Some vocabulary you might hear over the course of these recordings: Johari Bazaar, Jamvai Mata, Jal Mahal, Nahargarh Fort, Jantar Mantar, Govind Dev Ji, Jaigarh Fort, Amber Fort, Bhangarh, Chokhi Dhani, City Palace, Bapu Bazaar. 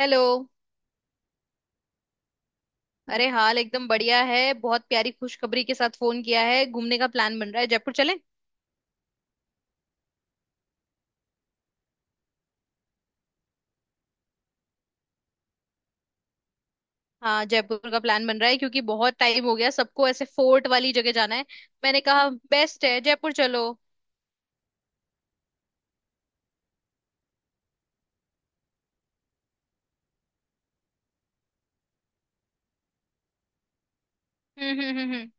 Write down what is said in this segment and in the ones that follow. Hello. अरे, हाल एकदम बढ़िया है। बहुत प्यारी खुशखबरी के साथ फोन किया है। घूमने का प्लान बन रहा है, जयपुर चले? हाँ, जयपुर का प्लान बन रहा है क्योंकि बहुत टाइम हो गया, सबको ऐसे फोर्ट वाली जगह जाना है। मैंने कहा बेस्ट है, जयपुर चलो। हम्म, हम्म, हम्म,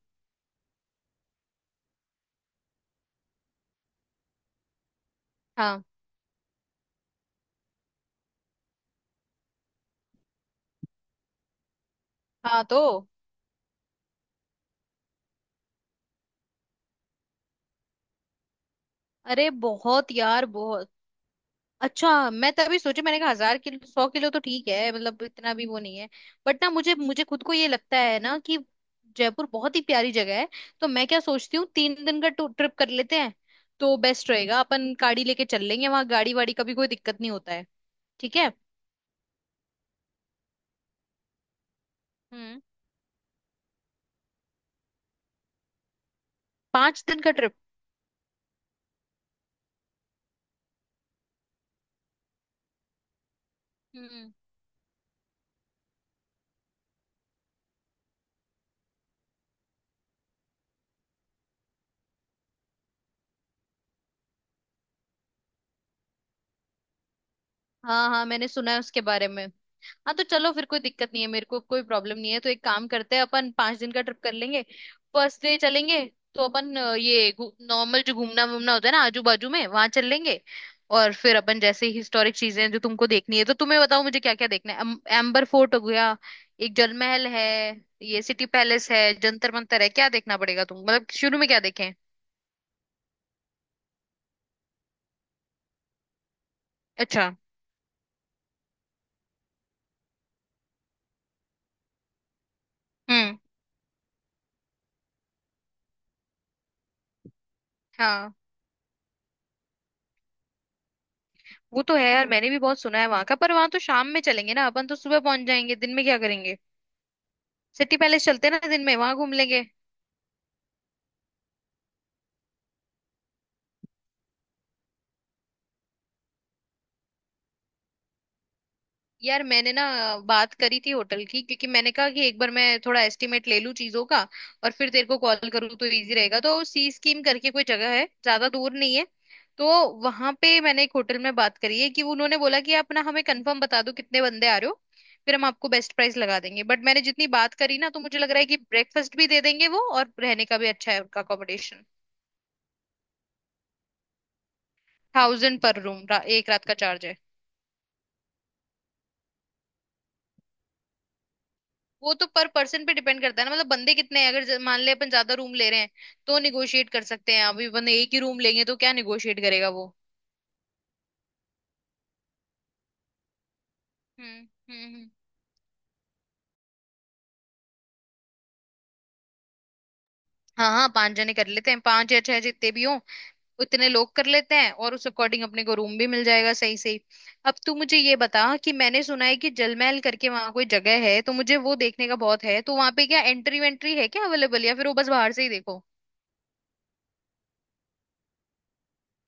हाँ हाँ, तो अरे बहुत यार, बहुत। अच्छा, मैं तभी सोची, मैंने कहा हजार किलो। सौ किलो तो ठीक है, मतलब इतना भी वो नहीं है। बट ना, मुझे मुझे खुद को ये लगता है ना कि जयपुर बहुत ही प्यारी जगह है। तो मैं क्या सोचती हूँ, 3 दिन का ट्रिप कर लेते हैं तो बेस्ट रहेगा। अपन गाड़ी लेके चल लेंगे, वहां गाड़ी वाड़ी का भी कोई दिक्कत नहीं होता है। ठीक है। हम्म। 5 दिन का ट्रिप। हाँ हाँ, मैंने सुना है उसके बारे में। हाँ तो चलो, फिर कोई दिक्कत नहीं है, मेरे को कोई प्रॉब्लम नहीं है। तो एक काम करते हैं, अपन 5 दिन का ट्रिप कर लेंगे। फर्स्ट डे चलेंगे तो अपन ये नॉर्मल जो घूमना वूमना होता है ना, आजू बाजू में, वहां चल लेंगे। और फिर अपन जैसे हिस्टोरिक चीजें हैं जो तुमको देखनी है, तो तुम्हें बताओ, मुझे क्या क्या देखना है। एम्बर फोर्ट हो गया, एक जल महल है, ये सिटी पैलेस है, जंतर मंतर है, क्या देखना पड़ेगा तुम मतलब, शुरू में क्या देखें? अच्छा। हम्म। हाँ, वो तो है यार, मैंने भी बहुत सुना है वहां का। पर वहां तो शाम में चलेंगे ना अपन, तो सुबह पहुंच जाएंगे, दिन में क्या करेंगे? सिटी पैलेस चलते हैं ना, दिन में वहां घूम लेंगे। यार मैंने ना बात करी थी होटल की, क्योंकि मैंने कहा कि एक बार मैं थोड़ा एस्टिमेट ले लूं चीजों का और फिर तेरे को कॉल करूँ तो इजी रहेगा। तो सी स्कीम करके कोई जगह है, ज्यादा दूर नहीं है। तो वहां पे मैंने एक होटल में बात करी है कि उन्होंने बोला कि आप ना हमें कंफर्म बता दो कितने बंदे आ रहे हो, फिर हम आपको बेस्ट प्राइस लगा देंगे। बट मैंने जितनी बात करी ना, तो मुझे लग रहा है कि ब्रेकफास्ट भी दे देंगे वो, और रहने का भी अच्छा है उनका अकोमोडेशन। थाउजेंड पर रूम एक रात का चार्ज है। वो तो पर पर्सन पे डिपेंड करता है ना, मतलब बंदे कितने हैं। अगर मान ले अपन ज्यादा रूम ले रहे हैं तो निगोशिएट कर सकते हैं। अभी बंदे एक ही रूम लेंगे तो क्या निगोशिएट करेगा वो। हम्म। हम्म, हाँ हाँ, पांच जने कर लेते हैं, पांच या छह जितने भी हों उतने लोग कर लेते हैं, और उस अकॉर्डिंग अपने को रूम भी मिल जाएगा सही सही। अब तू मुझे ये बता कि मैंने सुना है कि जलमहल करके वहां कोई जगह है, तो मुझे वो देखने का बहुत है। तो वहां पे क्या एंट्री वेंट्री है क्या अवेलेबल, या फिर वो बस बाहर से ही देखो?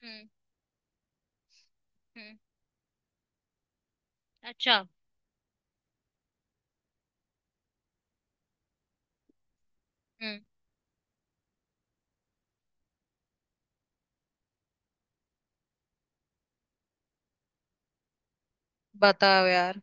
हम्म। हम्म। अच्छा। हम्म। बताओ यार।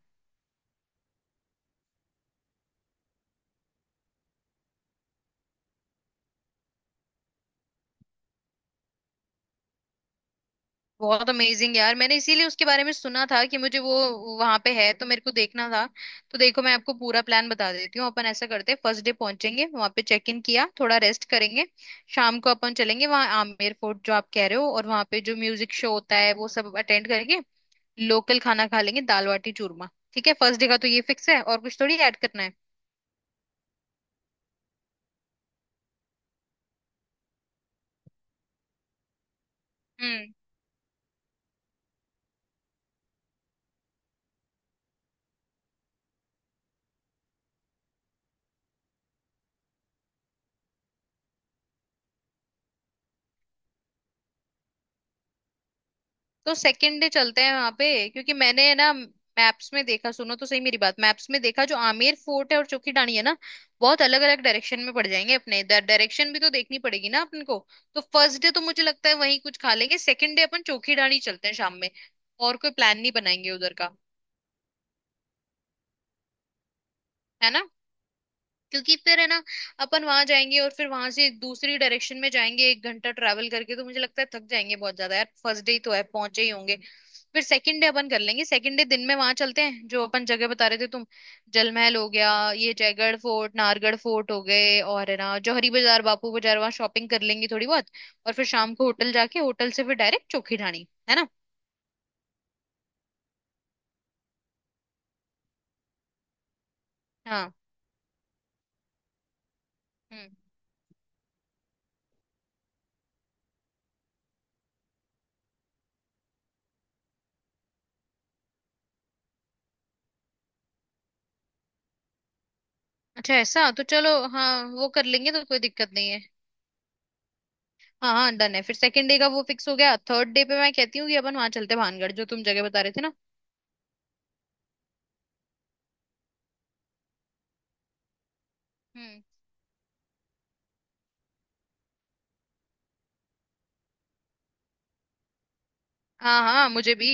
बहुत अमेजिंग यार, मैंने इसीलिए उसके बारे में सुना था कि मुझे वो वहां पे है तो मेरे को देखना था। तो देखो, मैं आपको पूरा प्लान बता देती हूँ। अपन ऐसा करते हैं, फर्स्ट डे पहुंचेंगे वहां पे, चेक इन किया, थोड़ा रेस्ट करेंगे। शाम को अपन चलेंगे वहां आमेर फोर्ट जो आप कह रहे हो, और वहां पे जो म्यूजिक शो होता है वो सब अटेंड करके लोकल खाना खा लेंगे, दाल बाटी चूरमा। ठीक है, फर्स्ट डे का तो ये फिक्स है, और कुछ थोड़ी ऐड करना है? हम्म, तो सेकेंड डे चलते हैं वहां पे, क्योंकि मैंने है ना मैप्स में देखा, सुनो तो सही मेरी बात, मैप्स में देखा जो आमेर फोर्ट है और चोखी ढाणी है ना, बहुत अलग अलग डायरेक्शन में पड़ जाएंगे, अपने डायरेक्शन भी तो देखनी पड़ेगी ना अपन को। तो फर्स्ट डे तो मुझे लगता है वहीं कुछ खा लेंगे, सेकेंड डे अपन चोखी ढाणी चलते हैं शाम में, और कोई प्लान नहीं बनाएंगे उधर का, है ना? क्योंकि फिर है ना, अपन वहां जाएंगे और फिर वहां से दूसरी डायरेक्शन में जाएंगे एक घंटा ट्रैवल करके, तो मुझे लगता है थक जाएंगे बहुत ज्यादा यार। फर्स्ट डे ही तो है, पहुंचे ही होंगे। फिर सेकंड डे अपन कर लेंगे, सेकंड डे दिन में वहां चलते हैं जो अपन जगह बता रहे थे तुम। जल महल हो गया, ये जयगढ़ फोर्ट, नाहरगढ़ फोर्ट हो गए, और है ना जौहरी बाजार, बापू बाजार, वहां शॉपिंग कर लेंगे थोड़ी बहुत। और फिर शाम को होटल जाके, होटल से फिर डायरेक्ट चौखी ढाणी, है ना? हाँ। हम्म। अच्छा, ऐसा तो चलो हाँ, वो कर लेंगे तो कोई दिक्कत नहीं है। हाँ हाँ, डन है, फिर सेकंड डे का वो फिक्स हो गया। थर्ड डे पे मैं कहती हूँ कि अपन वहां चलते हैं भानगढ़ जो तुम जगह बता रहे थे ना। हम्म। हाँ हाँ, मुझे भी।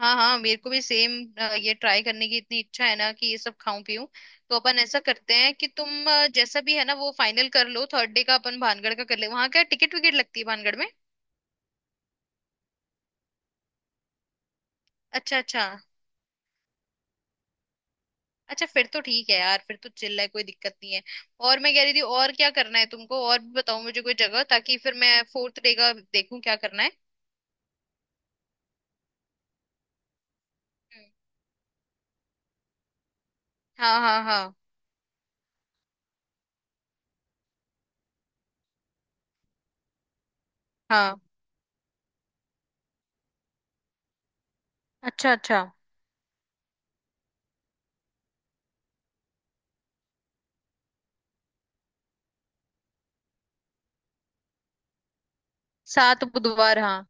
हाँ हाँ, मेरे को भी सेम, ये ट्राई करने की इतनी इच्छा है ना कि ये सब खाऊं पीऊं। तो अपन ऐसा करते हैं कि तुम जैसा भी है ना, वो फाइनल कर लो। थर्ड डे का अपन भानगढ़ का कर ले, वहां क्या टिकट विकेट लगती है भानगढ़ में? अच्छा अच्छा। अच्छा फिर तो ठीक है यार, फिर तो चिल्ला है, कोई दिक्कत नहीं है। और मैं कह रही थी, और क्या करना है तुमको, और भी बताओ मुझे कोई जगह ताकि फिर मैं फोर्थ डे का देखूं क्या करना है। हम्म। हाँ हाँ हाँ। हाँ। अच्छा अच्छा। 7 बुधवार, हाँ।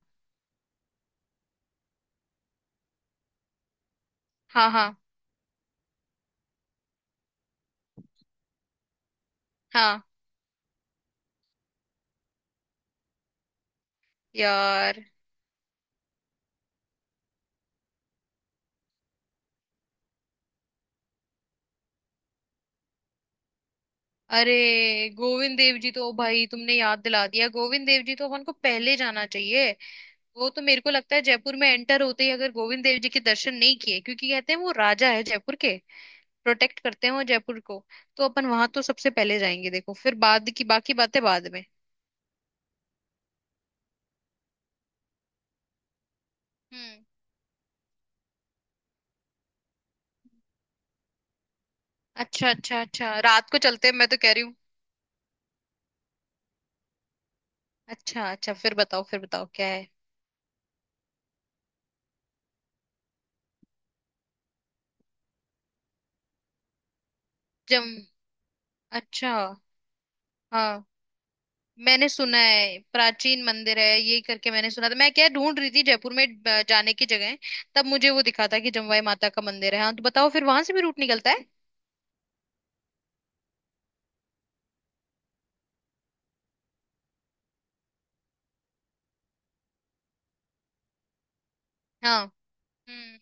हाँ हाँ। हाँ यार। अरे, गोविंद देव जी तो भाई तुमने याद दिला दिया। गोविंद देव जी तो अपन को पहले जाना चाहिए। वो तो मेरे को लगता है जयपुर में एंटर होते ही अगर गोविंद देव जी के दर्शन नहीं किए, क्योंकि कहते हैं वो राजा है जयपुर के, प्रोटेक्ट करते हैं वो जयपुर को। तो अपन वहां तो सबसे पहले जाएंगे, देखो, फिर बाद की बाकी बातें बाद में। हम्म। अच्छा अच्छा, अच्छा रात को चलते हैं मैं तो कह रही हूँ। अच्छा अच्छा, फिर बताओ, फिर बताओ क्या है? जम अच्छा। हाँ, मैंने सुना है प्राचीन मंदिर है ये करके मैंने सुना था। मैं क्या ढूंढ रही थी जयपुर में जाने की जगह, तब मुझे वो दिखा था कि जमवाई माता का मंदिर है। हाँ तो बताओ, फिर वहां से भी रूट निकलता है? हाँ। हम्म।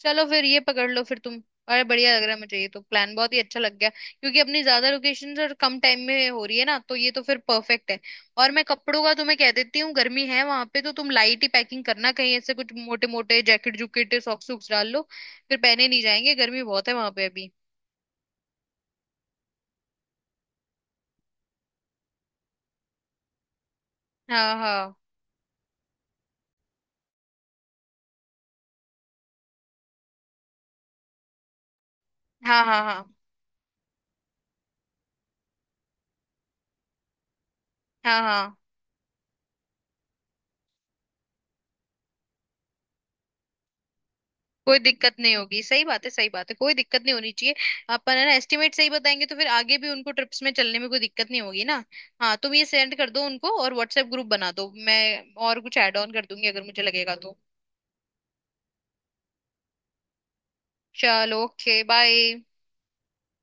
चलो फिर ये पकड़ लो फिर तुम। अरे बढ़िया लग रहा है मुझे, ये तो प्लान बहुत ही अच्छा लग गया, क्योंकि अपनी ज्यादा लोकेशन और कम टाइम में हो रही है ना, तो ये तो फिर परफेक्ट है। और मैं कपड़ों का तुम्हें कह देती हूँ, गर्मी है वहां पे, तो तुम लाइट ही पैकिंग करना, कहीं ऐसे कुछ मोटे मोटे जैकेट जुकेट, सॉक्स सूक्स डाल लो, फिर पहने नहीं जाएंगे, गर्मी बहुत है वहां पे अभी। हाँ हाँ। हाँ हाँ। हाँ हाँ। हाँ, कोई दिक्कत नहीं होगी, सही बात है, सही बात है, कोई दिक्कत नहीं होनी चाहिए। अपन है ना एस्टिमेट सही बताएंगे, तो फिर आगे भी उनको ट्रिप्स में चलने में कोई दिक्कत नहीं होगी ना। हाँ, तुम ये सेंड कर दो उनको और व्हाट्सएप ग्रुप बना दो, मैं और कुछ ऐड ऑन कर दूंगी अगर मुझे लगेगा तो। चलो, ओके, बाय।